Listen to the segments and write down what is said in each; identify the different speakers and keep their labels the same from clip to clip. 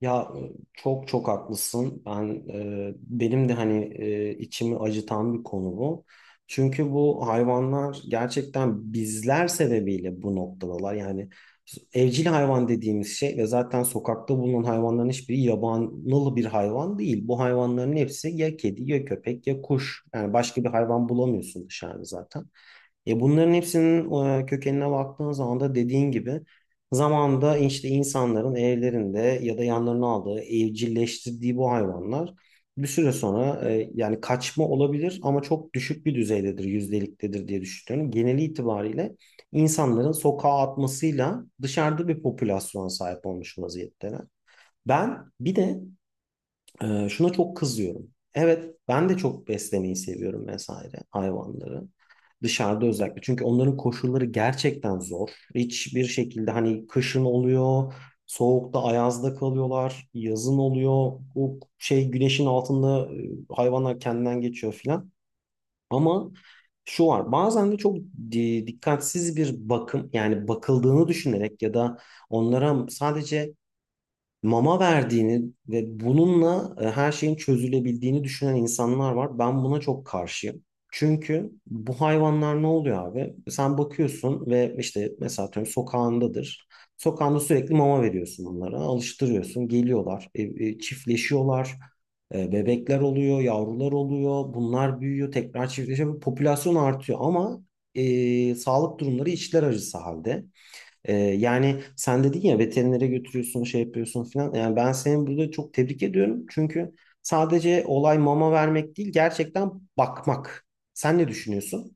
Speaker 1: Ya çok çok haklısın. Benim de hani, içimi acıtan bir konu bu. Çünkü bu hayvanlar gerçekten bizler sebebiyle bu noktadalar. Yani evcil hayvan dediğimiz şey ve zaten sokakta bulunan hayvanların hiçbiri yabanıl bir hayvan değil. Bu hayvanların hepsi ya kedi ya köpek ya kuş. Yani başka bir hayvan bulamıyorsun dışarıda zaten. Bunların hepsinin, kökenine baktığın zaman da dediğin gibi zamanda işte insanların evlerinde ya da yanlarına aldığı, evcilleştirdiği bu hayvanlar bir süre sonra, yani kaçma olabilir ama çok düşük bir düzeydedir, yüzdeliktedir diye düşünüyorum. Geneli itibariyle insanların sokağa atmasıyla dışarıda bir popülasyona sahip olmuş vaziyetteler. Ben bir de şuna çok kızıyorum. Evet, ben de çok beslemeyi seviyorum vesaire hayvanları. Dışarıda özellikle. Çünkü onların koşulları gerçekten zor. Hiçbir şekilde hani kışın oluyor, soğukta, ayazda kalıyorlar, yazın oluyor. O şey güneşin altında hayvanlar kendinden geçiyor filan. Ama şu var. Bazen de çok dikkatsiz bir bakım, yani bakıldığını düşünerek ya da onlara sadece mama verdiğini ve bununla her şeyin çözülebildiğini düşünen insanlar var. Ben buna çok karşıyım. Çünkü bu hayvanlar ne oluyor abi? Sen bakıyorsun ve işte mesela atıyorum sokağındadır. Sokağında sürekli mama veriyorsun onlara. Alıştırıyorsun. Geliyorlar. Çiftleşiyorlar. Bebekler oluyor. Yavrular oluyor. Bunlar büyüyor. Tekrar çiftleşiyor. Popülasyon artıyor ama sağlık durumları içler acısı halde. Yani sen dedin ya, veterinere götürüyorsun, şey yapıyorsun falan. Yani ben seni burada çok tebrik ediyorum. Çünkü sadece olay mama vermek değil, gerçekten bakmak. Sen ne düşünüyorsun?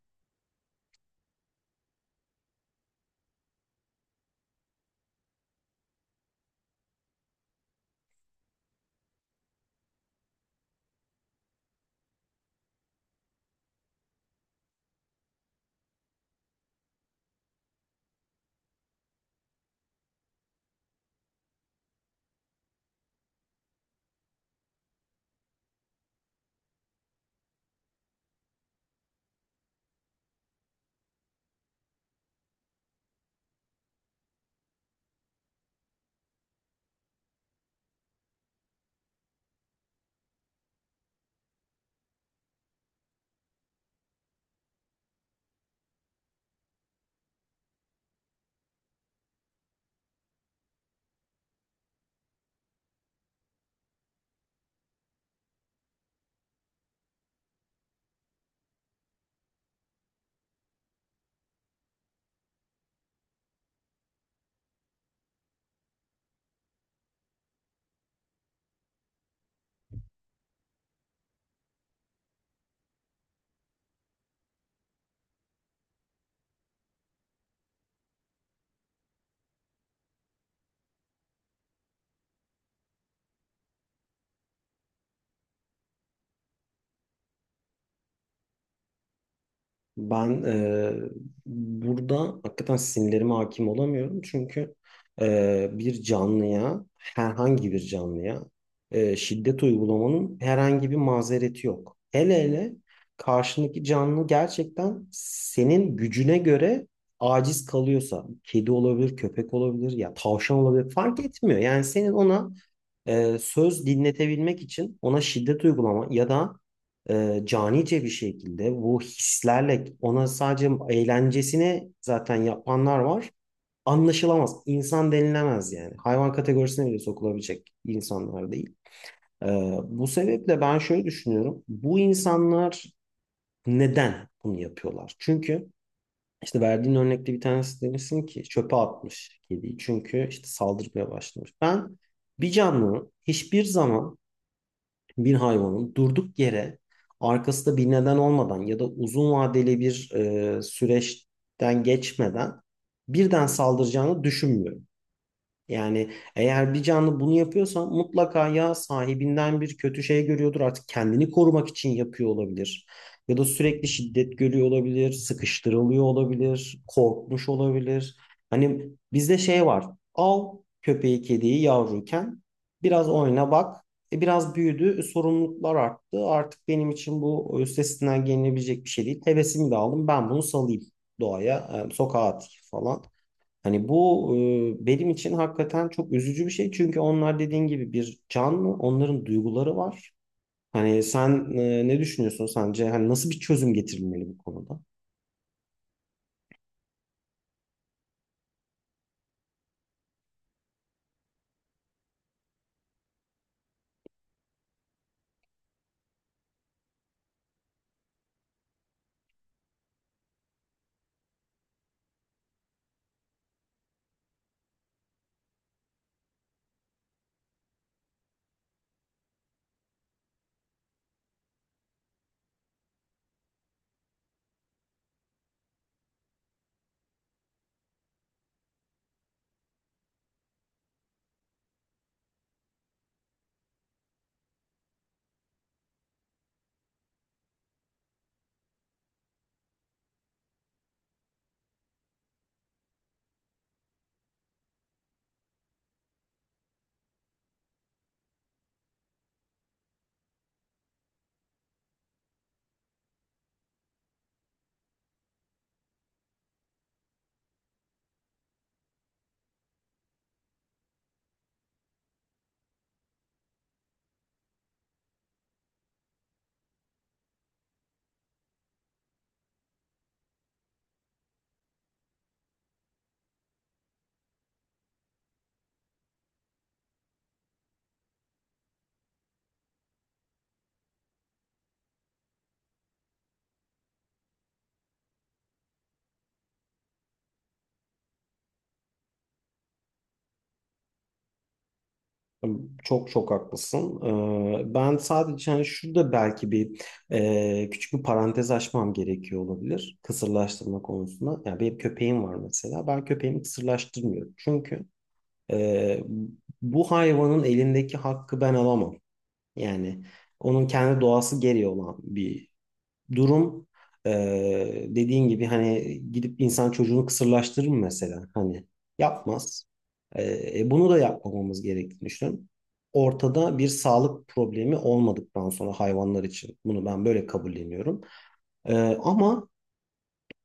Speaker 1: Ben burada hakikaten sinirlerime hakim olamıyorum. Çünkü bir canlıya, herhangi bir canlıya şiddet uygulamanın herhangi bir mazereti yok. Hele hele karşındaki canlı gerçekten senin gücüne göre aciz kalıyorsa, kedi olabilir, köpek olabilir, ya tavşan olabilir, fark etmiyor. Yani senin ona söz dinletebilmek için ona şiddet uygulama ya da canice bir şekilde bu hislerle ona sadece eğlencesini zaten yapanlar var. Anlaşılamaz. İnsan denilemez yani. Hayvan kategorisine bile sokulabilecek insanlar değil. E, Bu sebeple ben şöyle düşünüyorum. Bu insanlar neden bunu yapıyorlar? Çünkü işte verdiğin örnekte bir tanesi, demişsin ki çöpe atmış kediyi. Çünkü işte saldırmaya başlamış. Ben bir canlı hiçbir zaman bir hayvanın durduk yere, arkasında bir neden olmadan ya da uzun vadeli bir süreçten geçmeden birden saldıracağını düşünmüyorum. Yani eğer bir canlı bunu yapıyorsa mutlaka ya sahibinden bir kötü şey görüyordur. Artık kendini korumak için yapıyor olabilir. Ya da sürekli şiddet görüyor olabilir, sıkıştırılıyor olabilir, korkmuş olabilir. Hani bizde şey var. Al köpeği kediyi yavruyken biraz oyna bak. Biraz büyüdü, sorumluluklar arttı. Artık benim için bu üstesinden gelinebilecek bir şey değil. Hevesimi de aldım. Ben bunu salayım doğaya, sokağa atayım falan. Hani bu benim için hakikaten çok üzücü bir şey. Çünkü onlar dediğin gibi bir canlı, onların duyguları var. Hani sen ne düşünüyorsun sence? Hani nasıl bir çözüm getirilmeli bu konuda? Çok çok haklısın. Ben sadece hani şurada belki bir küçük bir parantez açmam gerekiyor olabilir. Kısırlaştırma konusunda. Yani benim köpeğim var mesela. Ben köpeğimi kısırlaştırmıyorum. Çünkü e, bu hayvanın elindeki hakkı ben alamam. Yani onun kendi doğası gereği olan bir durum. Dediğin gibi hani gidip insan çocuğunu kısırlaştırır mı mesela? Hani yapmaz. Bunu da yapmamamız gerektiğini düşünüyorum. Ortada bir sağlık problemi olmadıktan sonra hayvanlar için bunu ben böyle kabulleniyorum. Ee, Ama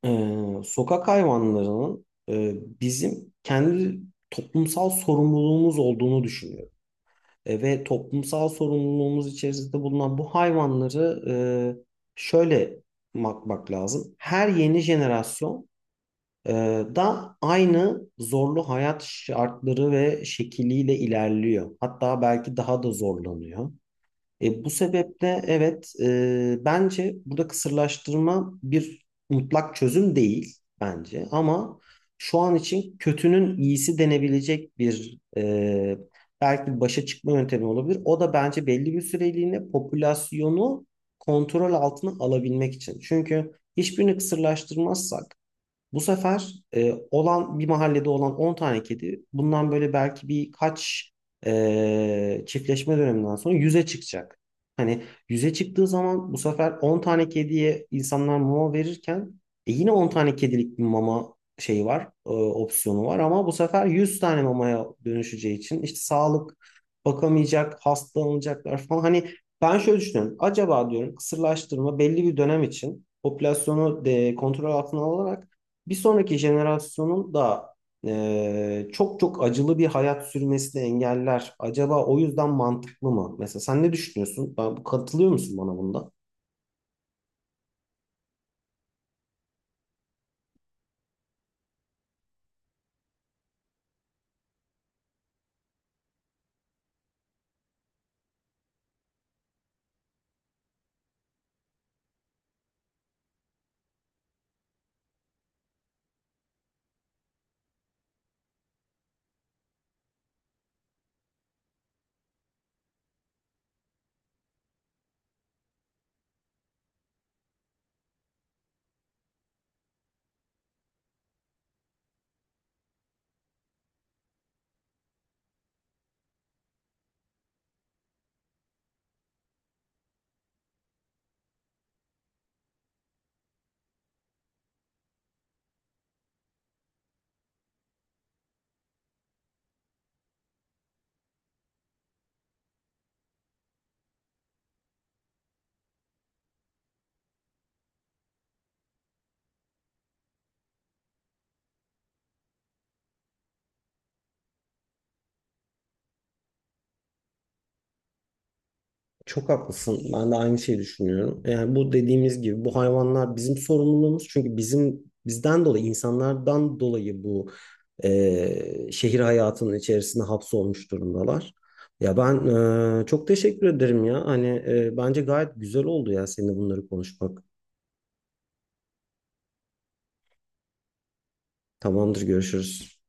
Speaker 1: e, sokak hayvanlarının, bizim kendi toplumsal sorumluluğumuz olduğunu düşünüyorum. Ve toplumsal sorumluluğumuz içerisinde bulunan bu hayvanları şöyle bakmak lazım. Her yeni jenerasyon e, da aynı zorlu hayat şartları ve şekliyle ilerliyor. Hatta belki daha da zorlanıyor. Bu sebeple evet, bence burada kısırlaştırma bir mutlak çözüm değil bence, ama şu an için kötünün iyisi denebilecek bir, belki başa çıkma yöntemi olabilir. O da bence belli bir süreliğine popülasyonu kontrol altına alabilmek için. Çünkü hiçbirini kısırlaştırmazsak bu sefer olan bir mahallede olan 10 tane kedi bundan böyle belki birkaç çiftleşme döneminden sonra 100'e çıkacak. Hani 100'e çıktığı zaman bu sefer 10 tane kediye insanlar mama verirken yine 10 tane kedilik bir mama şeyi var, opsiyonu var ama bu sefer 100 tane mamaya dönüşeceği için işte sağlık bakamayacak, hastalanacaklar falan. Hani ben şöyle düşünüyorum. Acaba diyorum kısırlaştırma belli bir dönem için popülasyonu de kontrol altına alarak bir sonraki jenerasyonun da çok çok acılı bir hayat sürmesini engeller. Acaba o yüzden mantıklı mı? Mesela sen ne düşünüyorsun? Katılıyor musun bana bunda? Çok haklısın. Ben de aynı şeyi düşünüyorum. Yani bu dediğimiz gibi bu hayvanlar bizim sorumluluğumuz. Çünkü bizim, bizden dolayı, insanlardan dolayı bu şehir hayatının içerisinde hapsolmuş durumdalar. Ya ben çok teşekkür ederim ya. Hani bence gayet güzel oldu ya seninle bunları konuşmak. Tamamdır, görüşürüz.